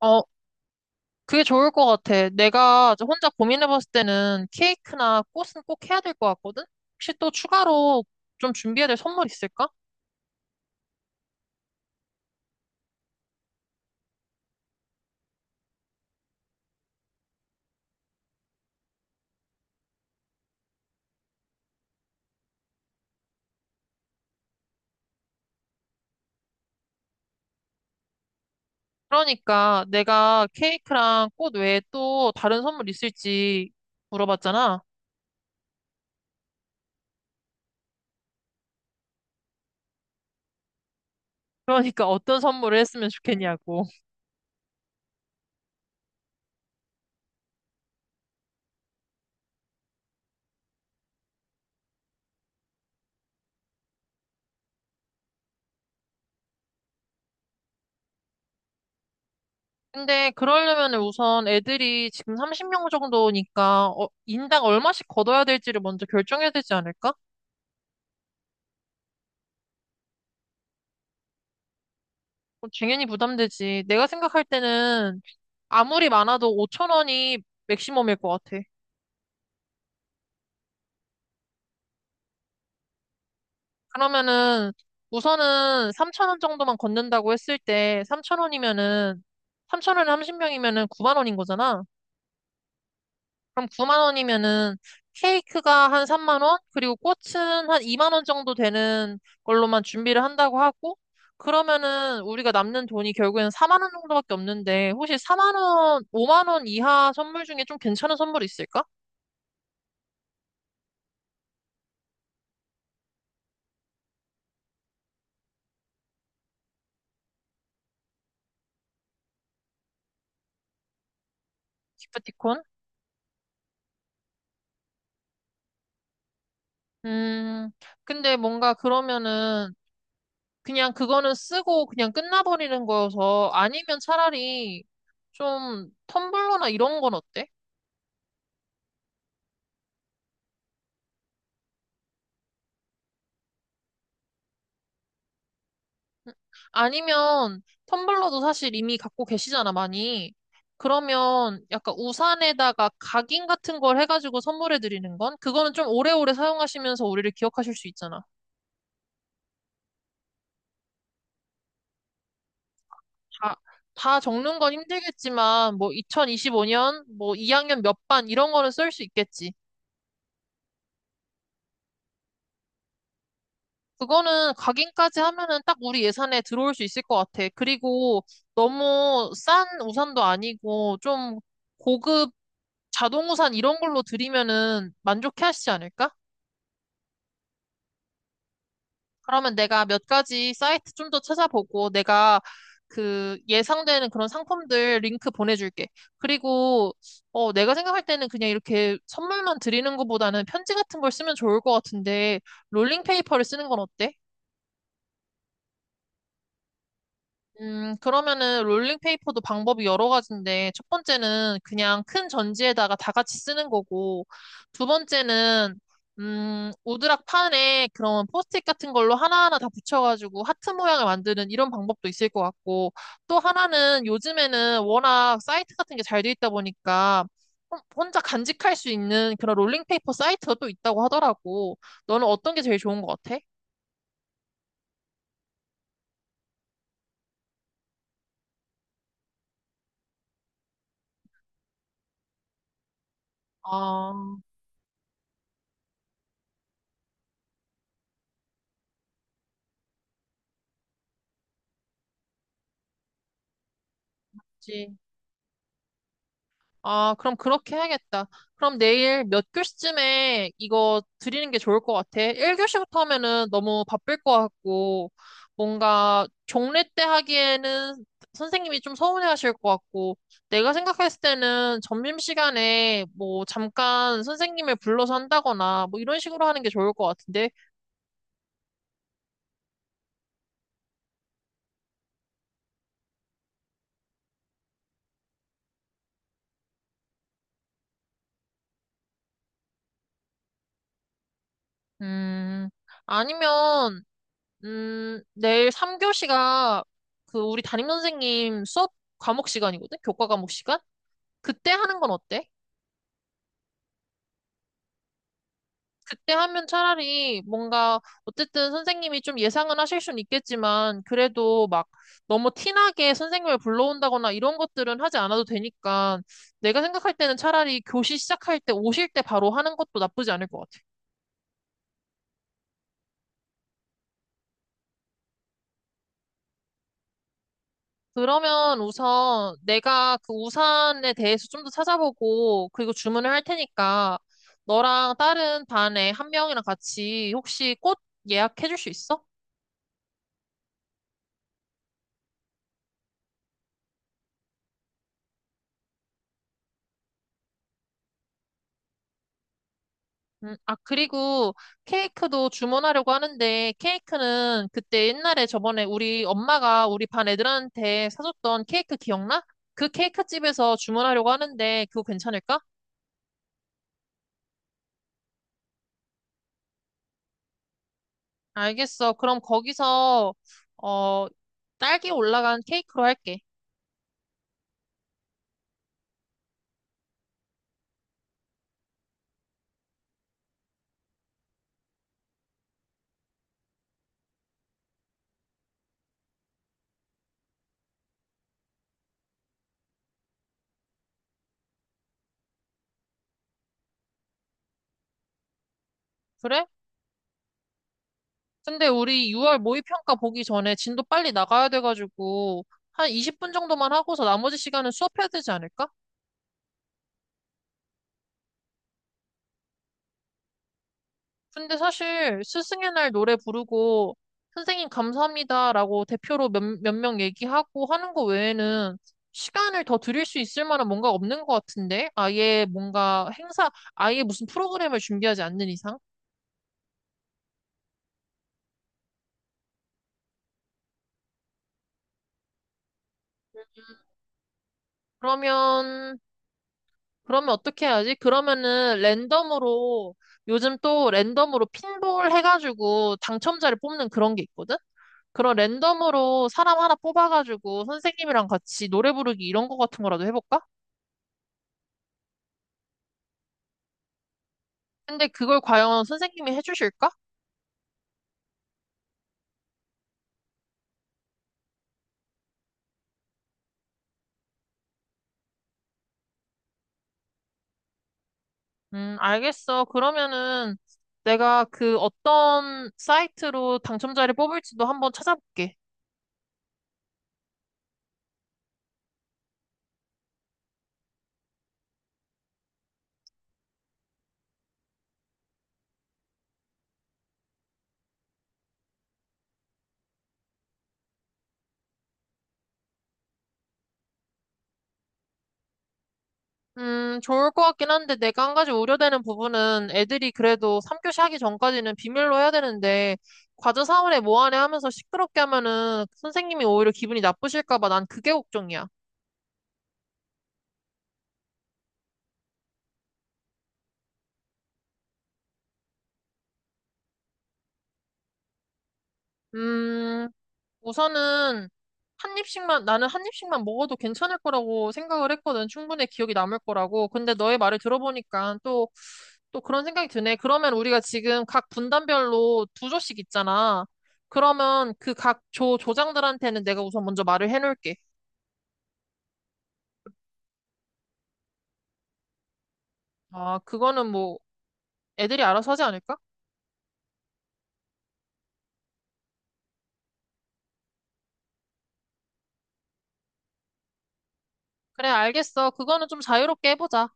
어, 그게 좋을 것 같아. 내가 저 혼자 고민해봤을 때는 케이크나 꽃은 꼭 해야 될 것 같거든? 혹시 또 추가로 좀 준비해야 될 선물 있을까? 그러니까 내가 케이크랑 꽃 외에 또 다른 선물 있을지 물어봤잖아. 그러니까 어떤 선물을 했으면 좋겠냐고. 근데 그러려면 우선 애들이 지금 30명 정도니까 인당 얼마씩 걷어야 될지를 먼저 결정해야 되지 않을까? 어, 당연히 부담되지. 내가 생각할 때는 아무리 많아도 5천 원이 맥시멈일 것 같아. 그러면은 우선은 3천 원 정도만 걷는다고 했을 때 3천 원이면은 삼천 원에 30명이면은 9만 원인 거잖아. 그럼 9만 원이면은 케이크가 한 3만 원, 그리고 꽃은 한 2만 원 정도 되는 걸로만 준비를 한다고 하고 그러면은 우리가 남는 돈이 결국에는 4만 원 정도밖에 없는데 혹시 4만 원, 5만 원 이하 선물 중에 좀 괜찮은 선물 있을까? 기프티콘? 음, 근데 뭔가 그러면은 그냥 그거는 쓰고 그냥 끝나버리는 거여서 아니면 차라리 좀 텀블러나 이런 건 어때? 음, 아니면 텀블러도 사실 이미 갖고 계시잖아, 많이. 그러면 약간 우산에다가 각인 같은 걸 해가지고 선물해 드리는 건? 그거는 좀 오래오래 사용하시면서 우리를 기억하실 수 있잖아. 다, 다 적는 건 힘들겠지만, 뭐 2025년, 뭐 2학년 몇 반 이런 거는 쓸 수 있겠지. 그거는 각인까지 하면은 딱 우리 예산에 들어올 수 있을 것 같아. 그리고 너무 싼 우산도 아니고 좀 고급 자동 우산 이런 걸로 드리면은 만족해 하시지 않을까? 그러면 내가 몇 가지 사이트 좀 더 찾아보고 내가 그 예상되는 그런 상품들 링크 보내줄게. 그리고 내가 생각할 때는 그냥 이렇게 선물만 드리는 것보다는 편지 같은 걸 쓰면 좋을 것 같은데 롤링페이퍼를 쓰는 건 어때? 그러면은 롤링페이퍼도 방법이 여러 가지인데, 첫 번째는 그냥 큰 전지에다가 다 같이 쓰는 거고, 두 번째는, 오드락 판에 그런 포스트잇 같은 걸로 하나하나 다 붙여가지고 하트 모양을 만드는 이런 방법도 있을 것 같고, 또 하나는 요즘에는 워낙 사이트 같은 게 잘 돼 있다 보니까, 혼자 간직할 수 있는 그런 롤링페이퍼 사이트가 또 있다고 하더라고. 너는 어떤 게 제일 좋은 것 같아? 아, 그치. 아, 그럼 그렇게 해야겠다. 그럼 내일 몇 교시쯤에 이거 드리는 게 좋을 것 같아. 1교시부터 하면은 너무 바쁠 것 같고, 뭔가 종례 때 하기에는 선생님이 좀 서운해 하실 것 같고, 내가 생각했을 때는 점심시간에 뭐 잠깐 선생님을 불러서 한다거나 뭐 이런 식으로 하는 게 좋을 것 같은데, 음, 아니면, 내일 3교시가 그 우리 담임선생님 수업 과목 시간이거든? 교과 과목 시간? 그때 하는 건 어때? 그때 하면 차라리 뭔가 어쨌든 선생님이 좀 예상은 하실 수는 있겠지만 그래도 막 너무 티나게 선생님을 불러온다거나 이런 것들은 하지 않아도 되니까 내가 생각할 때는 차라리 교시 시작할 때 오실 때 바로 하는 것도 나쁘지 않을 것 같아. 그러면 우선 내가 그 우산에 대해서 좀 더 찾아보고 그리고 주문을 할 테니까 너랑 다른 반에 한 명이랑 같이 혹시 꽃 예약해 줄 수 있어? 아, 그리고 케이크도 주문하려고 하는데, 케이크는 그때 옛날에 저번에 우리 엄마가 우리 반 애들한테 사줬던 케이크 기억나? 그 케이크 집에서 주문하려고 하는데, 그거 괜찮을까? 알겠어. 그럼 거기서, 어, 딸기 올라간 케이크로 할게. 그래? 근데 우리 6월 모의평가 보기 전에 진도 빨리 나가야 돼가지고, 한 20분 정도만 하고서 나머지 시간은 수업해야 되지 않을까? 근데 사실 스승의 날 노래 부르고 선생님 감사합니다라고 대표로 몇 명 얘기하고 하는 거 외에는 시간을 더 드릴 수 있을 만한 뭔가 없는 것 같은데? 아예 뭔가 행사, 아예 무슨 프로그램을 준비하지 않는 이상? 그러면, 그러면 어떻게 해야지? 그러면은 랜덤으로, 요즘 또 랜덤으로 핀볼 해가지고 당첨자를 뽑는 그런 게 있거든? 그런 랜덤으로 사람 하나 뽑아가지고 선생님이랑 같이 노래 부르기 이런 거 같은 거라도 해볼까? 근데 그걸 과연 선생님이 해주실까? 알겠어. 그러면은 내가 그 어떤 사이트로 당첨자를 뽑을지도 한번 찾아볼게. 좋을 것 같긴 한데 내가 한 가지 우려되는 부분은 애들이 그래도 3교시 하기 전까지는 비밀로 해야 되는데 과제 사원에 뭐하네 하면서 시끄럽게 하면은 선생님이 오히려 기분이 나쁘실까 봐 난 그게 걱정이야. 음, 우선은 한 입씩만, 나는 한 입씩만 먹어도 괜찮을 거라고 생각을 했거든. 충분히 기억이 남을 거라고. 근데 너의 말을 들어보니까 또, 또 그런 생각이 드네. 그러면 우리가 지금 각 분단별로 두 조씩 있잖아. 그러면 그 각 조, 조장들한테는 내가 우선 먼저 말을 해놓을게. 아, 그거는 뭐 애들이 알아서 하지 않을까? 그래, 알겠어. 그거는 좀 자유롭게 해보자.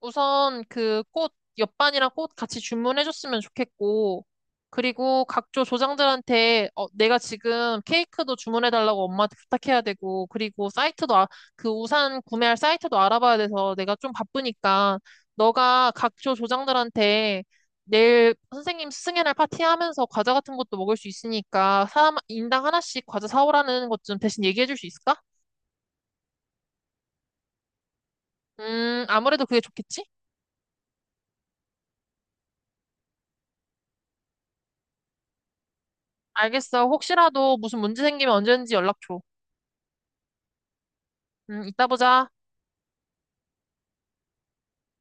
우선 그 꽃, 옆반이랑 꽃 같이 주문해줬으면 좋겠고, 그리고 각조 조장들한테 어, 내가 지금 케이크도 주문해달라고 엄마한테 부탁해야 되고, 그리고 사이트도, 아, 그 우산 구매할 사이트도 알아봐야 돼서 내가 좀 바쁘니까, 너가 각조 조장들한테 내일 선생님 스승의 날 파티하면서 과자 같은 것도 먹을 수 있으니까, 사람 인당 하나씩 과자 사오라는 것 좀 대신 얘기해줄 수 있을까? 아무래도 그게 좋겠지? 알겠어. 혹시라도 무슨 문제 생기면 언제든지 연락 줘. 이따 보자.